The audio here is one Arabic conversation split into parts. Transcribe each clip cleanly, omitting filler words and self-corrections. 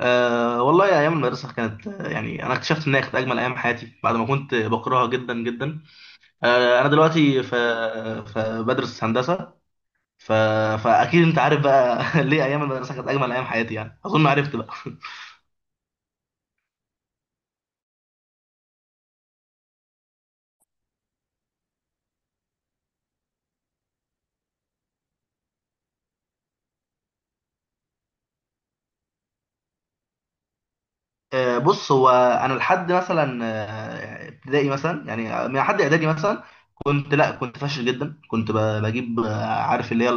أه والله أيام المدرسة كانت يعني أنا اكتشفت إن هي كانت أجمل أيام حياتي بعد ما كنت بكرهها جدا جدا. أنا دلوقتي فبدرس هندسة. ف... فأكيد أنت عارف بقى ليه أيام المدرسة كانت أجمل أيام حياتي، يعني أظن عرفت بقى. بص، هو انا لحد مثلا ابتدائي، مثلا يعني من حد اعدادي مثلا كنت، لا كنت فاشل جدا. كنت بجيب، عارف اللي هي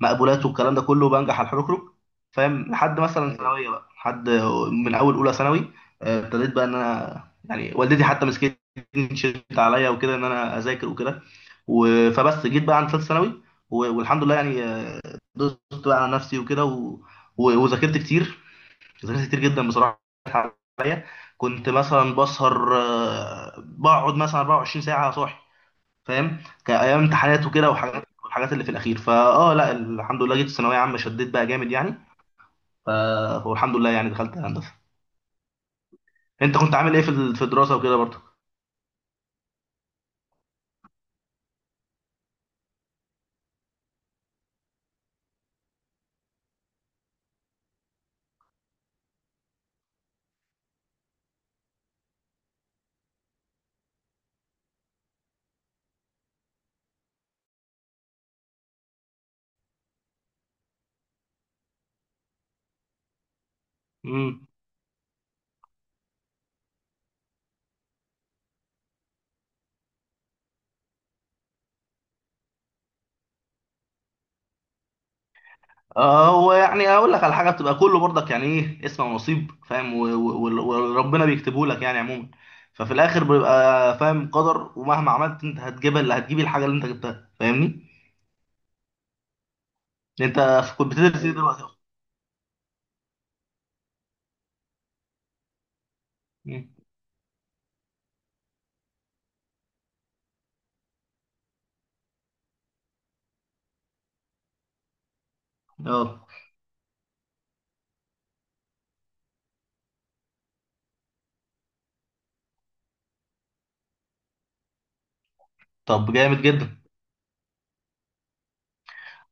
المقبولات والكلام ده كله، بنجح على الحركرك. فاهم؟ لحد مثلا ثانويه بقى، لحد من اول اولى ثانوي ابتديت بقى ان انا، يعني والدتي حتى مسكتني شدت عليا وكده ان انا اذاكر وكده. فبس جيت بقى عند ثالث ثانوي، والحمد لله يعني، دوست بقى على نفسي وكده وذاكرت كتير، ذاكرت كتير جدا بصراحه عليا. كنت مثلا بسهر، بقعد مثلا 24 ساعه صاحي. فاهم؟ كايام امتحانات وكده وحاجات، والحاجات اللي في الاخير لا الحمد لله جيت ثانويه عامه شديت بقى جامد يعني. ف- والحمد لله يعني دخلت هندسه. انت كنت عامل ايه في في الدراسه وكده برضه؟ امم. هو يعني اقول لك على حاجه بتبقى كله برضك، يعني ايه اسم ونصيب، فاهم؟ وربنا بيكتبه لك يعني عموما. ففي الاخر بيبقى فاهم قدر، ومهما عملت انت هتجيب اللي هتجيب، الحاجه اللي انت جبتها. فاهمني؟ انت كنت بتدرس ايه دلوقتي اصلا؟ مم. اه، طب جامد جدا.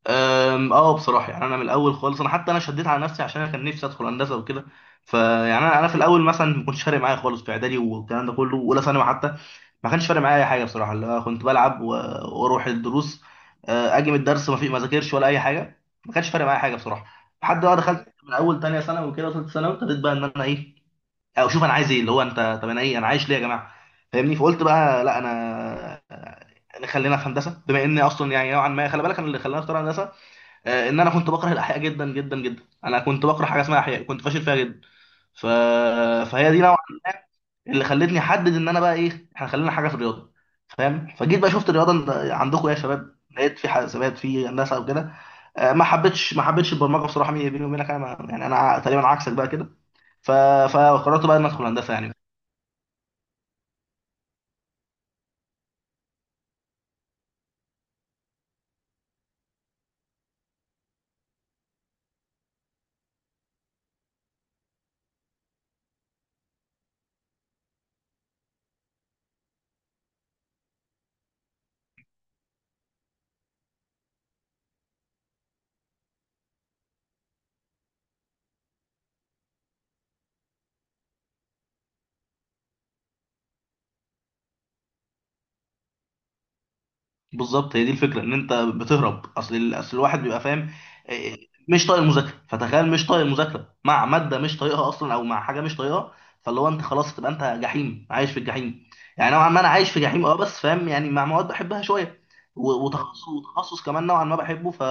اه بصراحه يعني انا من الاول خالص. انا حتى انا شديت على نفسي عشان انا كان نفسي ادخل هندسه وكده. فيعني انا انا في الاول مثلا ما كنتش فارق معايا خالص، في اعدادي والكلام ده كله واولى ثانوي حتى ما كانش فارق معايا اي حاجه بصراحه، اللي هو كنت بلعب واروح الدروس، اجي من الدرس ما في ما ذاكرش ولا اي حاجه، ما كانش فارق معايا حاجه بصراحه. لحد ما دخلت من اول تانية ثانوي وكده وثالثه ثانوي، ابتديت بقى ان انا ايه، او شوف انا عايز ايه، اللي هو انت طب انا ايه، انا عايش ليه يا جماعه. فاهمني؟ فقلت بقى لا انا أنا خلينا في هندسه، بما اني اصلا يعني نوعا ما. خلي بالك انا اللي خلاني اختار هندسه ان انا كنت بكره الاحياء جدا جدا جدا. انا كنت بكره حاجه اسمها احياء، كنت فاشل فيها جدا. ف... فهي دي نوعا ما اللي خلتني احدد ان انا بقى ايه، احنا خلينا حاجه في الرياضه. فاهم؟ فجيت بقى شفت الرياضه عندكم إيه يا شباب، لقيت في حسابات في هندسه وكده. ما حبيتش ما حبيتش البرمجه بصراحه، بيني وبينك انا يعني انا تقريبا عكسك بقى كده. ف... فقررت بقى ان ادخل هندسه يعني. بالظبط، هي دي الفكره، ان انت بتهرب. اصل اصل الواحد بيبقى فاهم إيه، مش طايق المذاكره. فتخيل مش طايق المذاكره مع ماده مش طايقها اصلا، او مع حاجه مش طايقها. فاللي هو انت خلاص تبقى انت جحيم، عايش في الجحيم يعني. نوعا ما انا عايش في جحيم، اه، بس فاهم يعني، مع مواد بحبها شويه وتخصص، وتخصص كمان نوعا ما بحبه. ف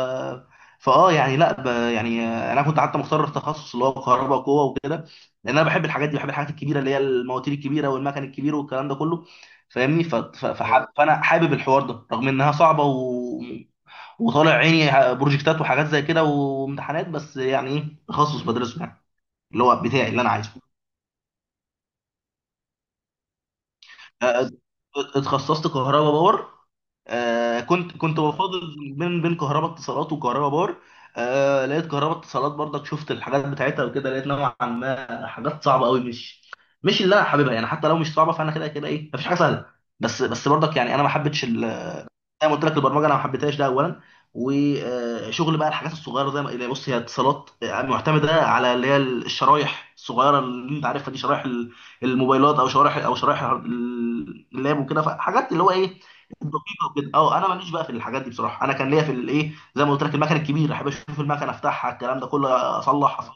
فاه يعني لا يعني انا كنت حتى مختار التخصص اللي هو كهرباء وقوه وكده، لان انا بحب الحاجات دي، بحب الحاجات الكبيره، اللي هي المواتير الكبيره والمكن الكبير والكلام ده كله. فاهمني؟ فانا حابب الحوار ده، رغم انها صعبه وطالع عيني بروجكتات وحاجات زي كده وامتحانات، بس يعني ايه تخصص بدرسه يعني، اللي هو بتاعي اللي انا عايزه. أ- اتخصصت كهرباء باور. آه كنت بفاضل بين كهرباء اتصالات وكهرباء باور. آه، لقيت كهرباء اتصالات برضك، شفت الحاجات بتاعتها وكده، لقيت نوعا ما حاجات صعبه قوي، مش اللي انا حاببها. يعني حتى لو مش صعبه فانا كده كده ايه، مفيش حاجه سهله. بس برضك يعني انا ما حبيتش، زي ما قلت لك البرمجه انا ما حبيتهاش، ده اولا. وشغل بقى الحاجات الصغيره، زي ما اللي بص هي اتصالات معتمده على اللي هي الشرايح الصغيره، اللي انت عارفها دي، شرايح الموبايلات او شرايح اللاب وكده، فحاجات اللي هو ايه دقيقه وكده. اه انا ماليش بقى في الحاجات دي بصراحه، انا كان ليا في الايه زي ما قلت لك المكن الكبير، احب اشوف المكن افتحها الكلام ده كله اصلح.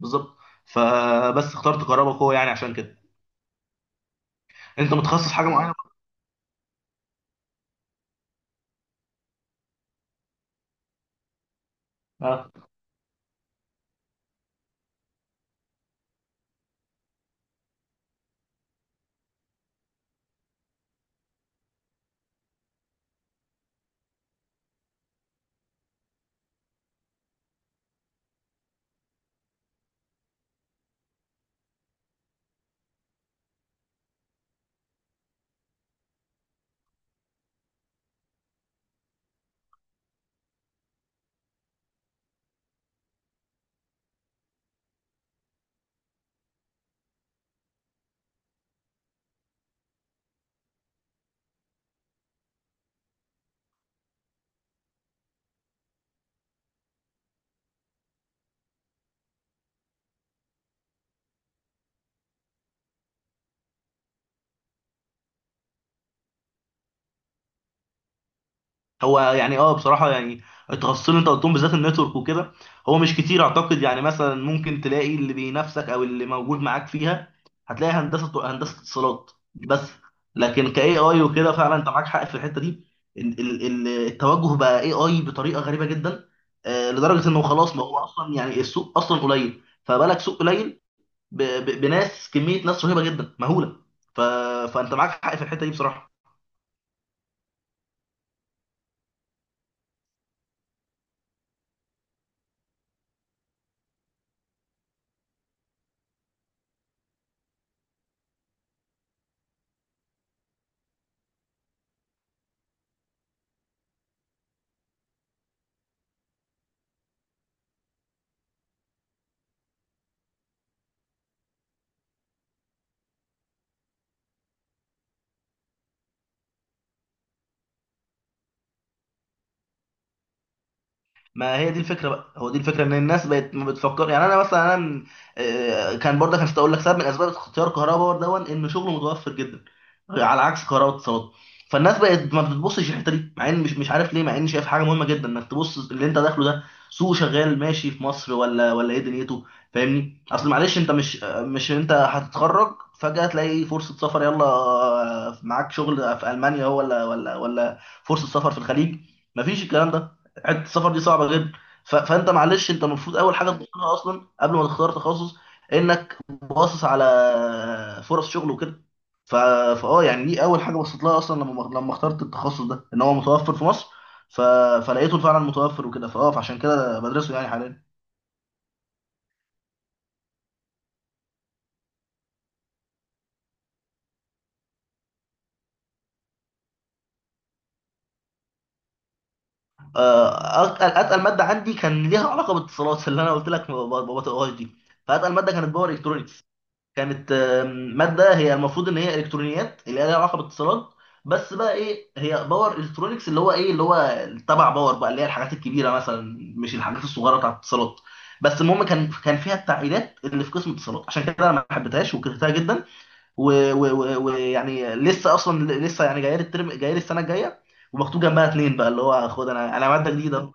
بالظبط. فبس اخترت كهربا قوه يعني عشان كده. انت متخصص حاجه معينه؟ اه هو يعني، اه بصراحه يعني، التخصصين اللي انت قلتهم بالذات النتورك وكده، هو مش كتير اعتقد يعني، مثلا ممكن تلاقي اللي بينافسك او اللي موجود معاك فيها. هتلاقي هندسه، هندسه اتصالات بس. لكن كاي اي وكده فعلا انت معاك حق في الحته دي. التوجه بقى اي اي بطريقه غريبه جدا، لدرجه انه خلاص، ما هو اصلا يعني السوق اصلا قليل، فبالك سوق قليل بناس، كميه ناس رهيبه جدا مهوله. ف... فانت معاك حق في الحته دي بصراحه. ما هي دي الفكره بقى، هو دي الفكره، ان الناس بقت ما بتفكر. يعني انا مثلا انا كان برضه كان اقول لك سبب من اسباب اختيار كهرباء باور، دون ان شغله متوفر جدا على عكس كهرباء اتصالات. فالناس بقت ما بتبصش الحته دي، مع ان مش عارف ليه، مع ان شايف حاجه مهمه جدا انك تبص اللي انت داخله ده، سوق شغال ماشي في مصر ولا ولا ايه دنيته. فاهمني؟ اصل معلش، انت مش انت هتتخرج فجاه تلاقي فرصه سفر يلا، معاك شغل في المانيا، هو ولا ولا ولا فرصه سفر في الخليج. مفيش الكلام ده، حته السفر دي صعبه جدا. فانت معلش انت المفروض اول حاجه تبصلها اصلا قبل ما تختار تخصص، انك باصص على فرص شغل وكده. ف... فاه يعني دي اول حاجه بصيت لها اصلا، لما اخترت التخصص ده ان هو متوفر في مصر. ف... فلقيته فعلا متوفر وكده، فاه فعشان كده بدرسه يعني حاليا. اتقل ماده عندي كان ليها علاقه بالاتصالات، اللي انا قلت لك ما ما بطقهاش دي. فاتقل ماده كانت باور الكترونكس. كانت ماده هي المفروض ان هي الكترونيات اللي هي لها علاقه بالاتصالات، بس بقى ايه هي باور الكترونكس، اللي هو ايه اللي هو تبع باور بقى، اللي هي الحاجات الكبيره مثلا، مش الحاجات الصغيره بتاعت الاتصالات. بس المهم، كان فيها التعقيدات اللي في قسم الاتصالات، عشان كده انا ما حبيتهاش وكرهتها جدا. ويعني ويعني لسه اصلا، لسه يعني جايه لي الترم، جايه لي السنه الجايه، ومكتوب جنبها 2 بقى، اللي هو خد، انا انا ماده جديده.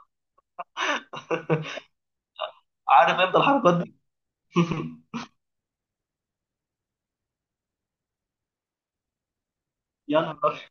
عارف انت الحركات دي؟ يا نهار